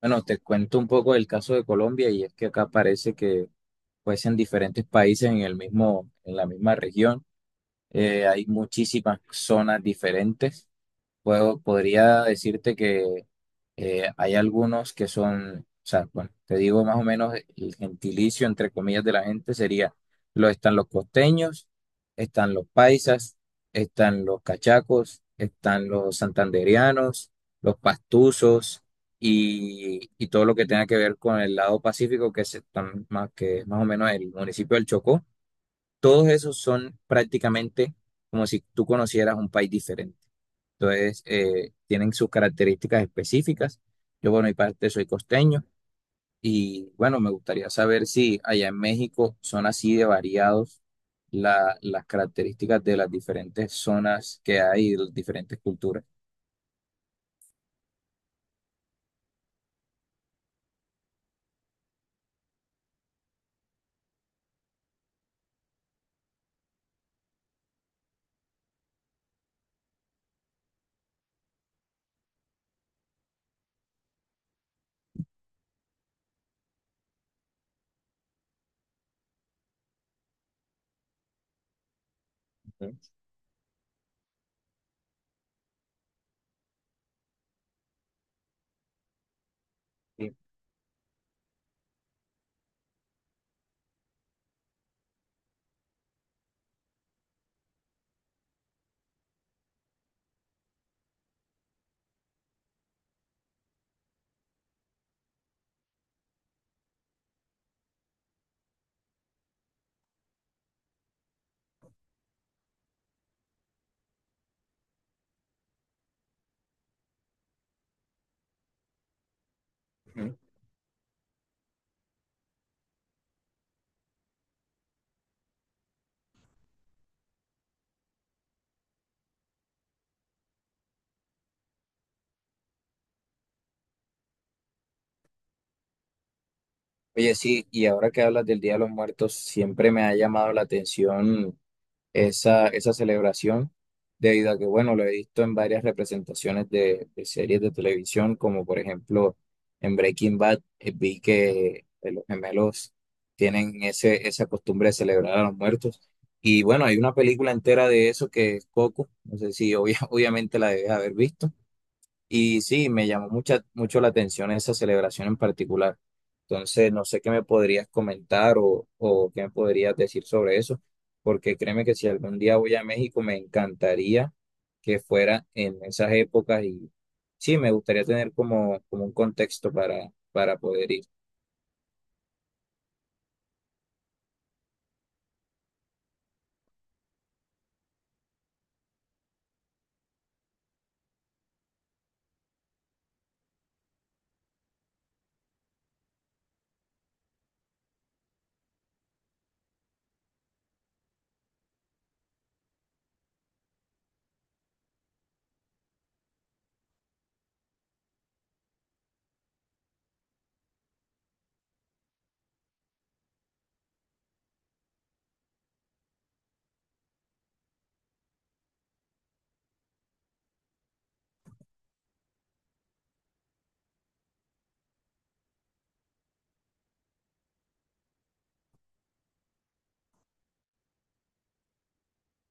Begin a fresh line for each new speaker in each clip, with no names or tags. Bueno, te cuento un poco del caso de Colombia y es que acá parece que pues en diferentes países en el mismo, en la misma región hay muchísimas zonas diferentes. Podría decirte que hay algunos que son, o sea, bueno, te digo más o menos el gentilicio, entre comillas, de la gente sería, están los costeños, están los paisas, están los cachacos, están los santandereanos, los pastusos y todo lo que tenga que ver con el lado pacífico, que es más o menos el municipio del Chocó. Todos esos son prácticamente como si tú conocieras un país diferente. Entonces, tienen sus características específicas. Yo, bueno, y parte soy costeño y bueno, me gustaría saber si allá en México son así de variados las características de las diferentes zonas que hay, y las diferentes culturas. Ujú, sí, ujú. Oye, sí, y ahora que hablas del Día de los Muertos, siempre me ha llamado la atención esa celebración, debido a que, bueno, lo he visto en varias representaciones de series de televisión, como por ejemplo en Breaking Bad, vi que los gemelos tienen esa costumbre de celebrar a los muertos. Y bueno, hay una película entera de eso que es Coco, no sé si obvia- obviamente la debes haber visto. Y sí, me llamó mucho la atención esa celebración en particular. Entonces, no sé qué me podrías comentar o qué me podrías decir sobre eso, porque créeme que si algún día voy a México, me encantaría que fuera en esas épocas y sí, me gustaría tener como un contexto para poder ir.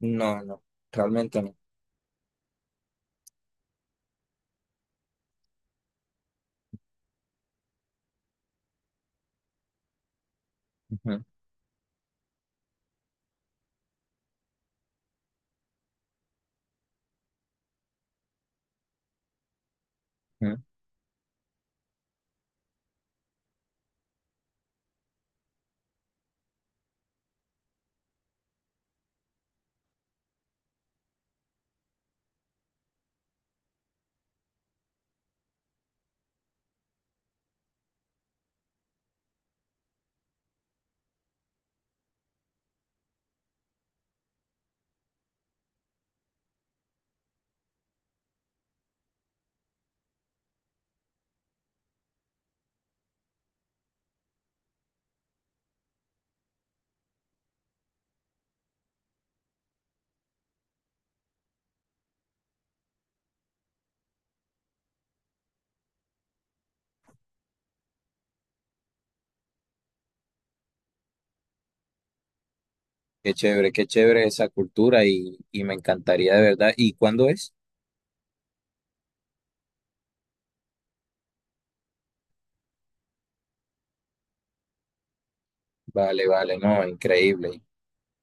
No, no, realmente no. Ujú, ujú. Qué chévere esa cultura y me encantaría de verdad. ¿Y cuándo es? Vale, vale, no, increíble.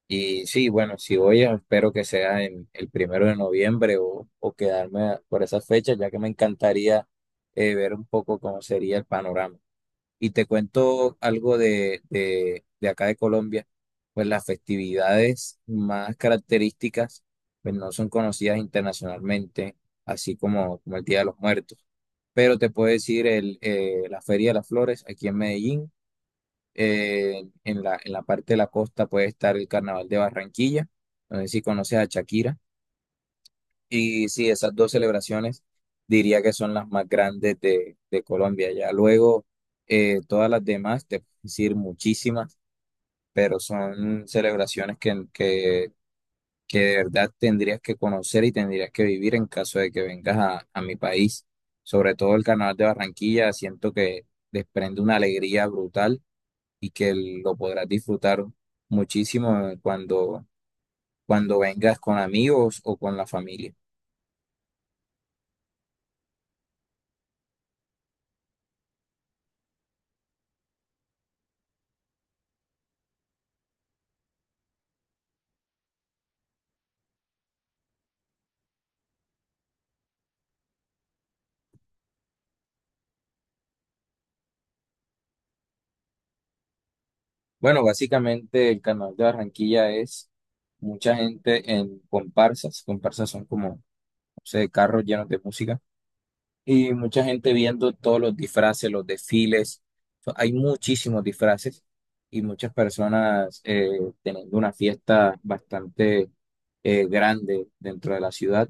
Y sí, bueno, si voy, espero que sea en el primero de noviembre o por esa fecha, ya que me encantaría ver un poco cómo sería el panorama. Y te cuento algo de acá de Colombia, pues las festividades más características, pues no son conocidas internacionalmente, así como, como el Día de los Muertos. Pero te puedo decir la Feria de las Flores aquí en Medellín, en en la parte de la costa puede estar el Carnaval de Barranquilla, no sé si conoces a Shakira, y sí, esas dos celebraciones diría que son las más grandes de Colombia. Ya luego, todas las demás, te puedo decir muchísimas, pero son celebraciones que de verdad tendrías que conocer y tendrías que vivir en caso de que vengas a mi país. Sobre todo el Carnaval de Barranquilla, siento que desprende una alegría brutal y que lo podrás disfrutar muchísimo, cuando vengas con amigos o con la familia. Bueno, básicamente el carnaval de Barranquilla es mucha gente en comparsas. Comparsas son como, no sé, carros llenos de música y mucha gente viendo todos los disfraces, los desfiles. So, hay muchísimos disfraces y muchas personas teniendo una fiesta bastante grande dentro de la ciudad.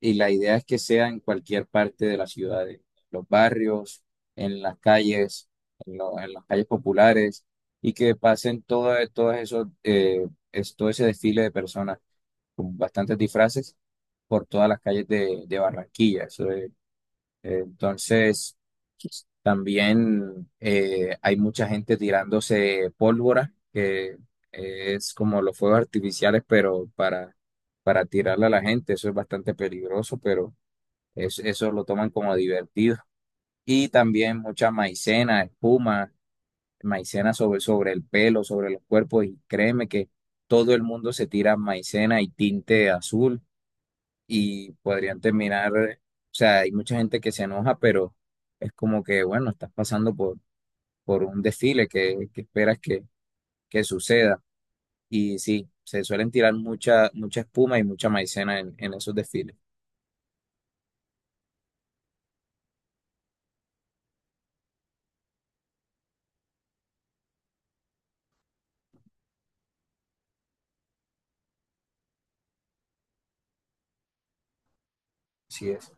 Y la idea es que sea en cualquier parte de la ciudad, en los barrios, en las calles, en las calles populares, y que pasen todo ese desfile de personas con bastantes disfraces por todas las calles de Barranquilla. Entonces, también hay mucha gente tirándose pólvora, que es como los fuegos artificiales, pero para tirarle a la gente, eso es bastante peligroso, pero eso lo toman como divertido. Y también mucha maicena, espuma, maicena sobre el pelo, sobre los cuerpos. Y créeme que todo el mundo se tira maicena y tinte azul y podrían terminar, o sea, hay mucha gente que se enoja, pero es como que, bueno, estás pasando por un desfile que esperas que suceda. Y sí, se suelen tirar mucha, mucha espuma y mucha maicena en esos desfiles. Así es.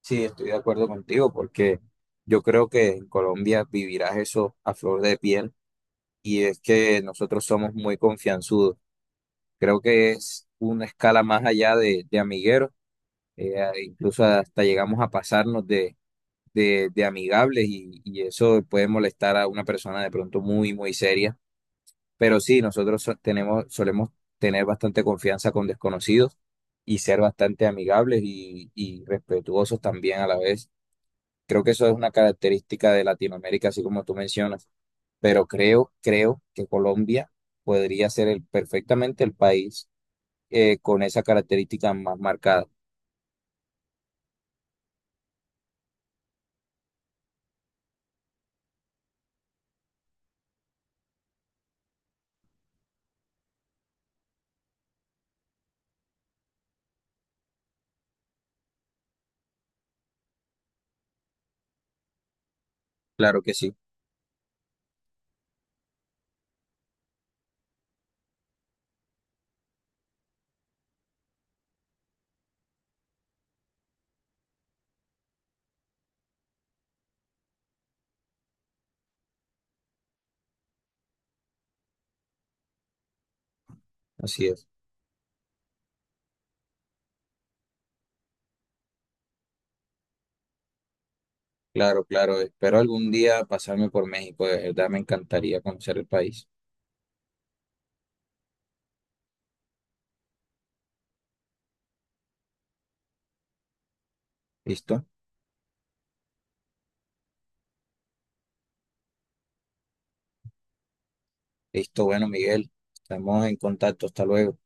Sí, estoy de acuerdo contigo porque yo creo que en Colombia vivirás eso a flor de piel y es que nosotros somos muy confianzudos. Creo que es una escala más allá de amigueros, incluso hasta llegamos a pasarnos de amigables y eso puede molestar a una persona de pronto muy, muy seria. Pero sí, solemos tener bastante confianza con desconocidos y ser bastante amigables y respetuosos también a la vez. Creo que eso es una característica de Latinoamérica, así como tú mencionas. Pero creo que Colombia podría ser perfectamente el país con esa característica más marcada. Claro que sí, así es. Claro, claro. Espero algún día pasarme por México. De verdad me encantaría conocer el país. ¿Listo? Listo. Bueno, Miguel, estamos en contacto. Hasta luego.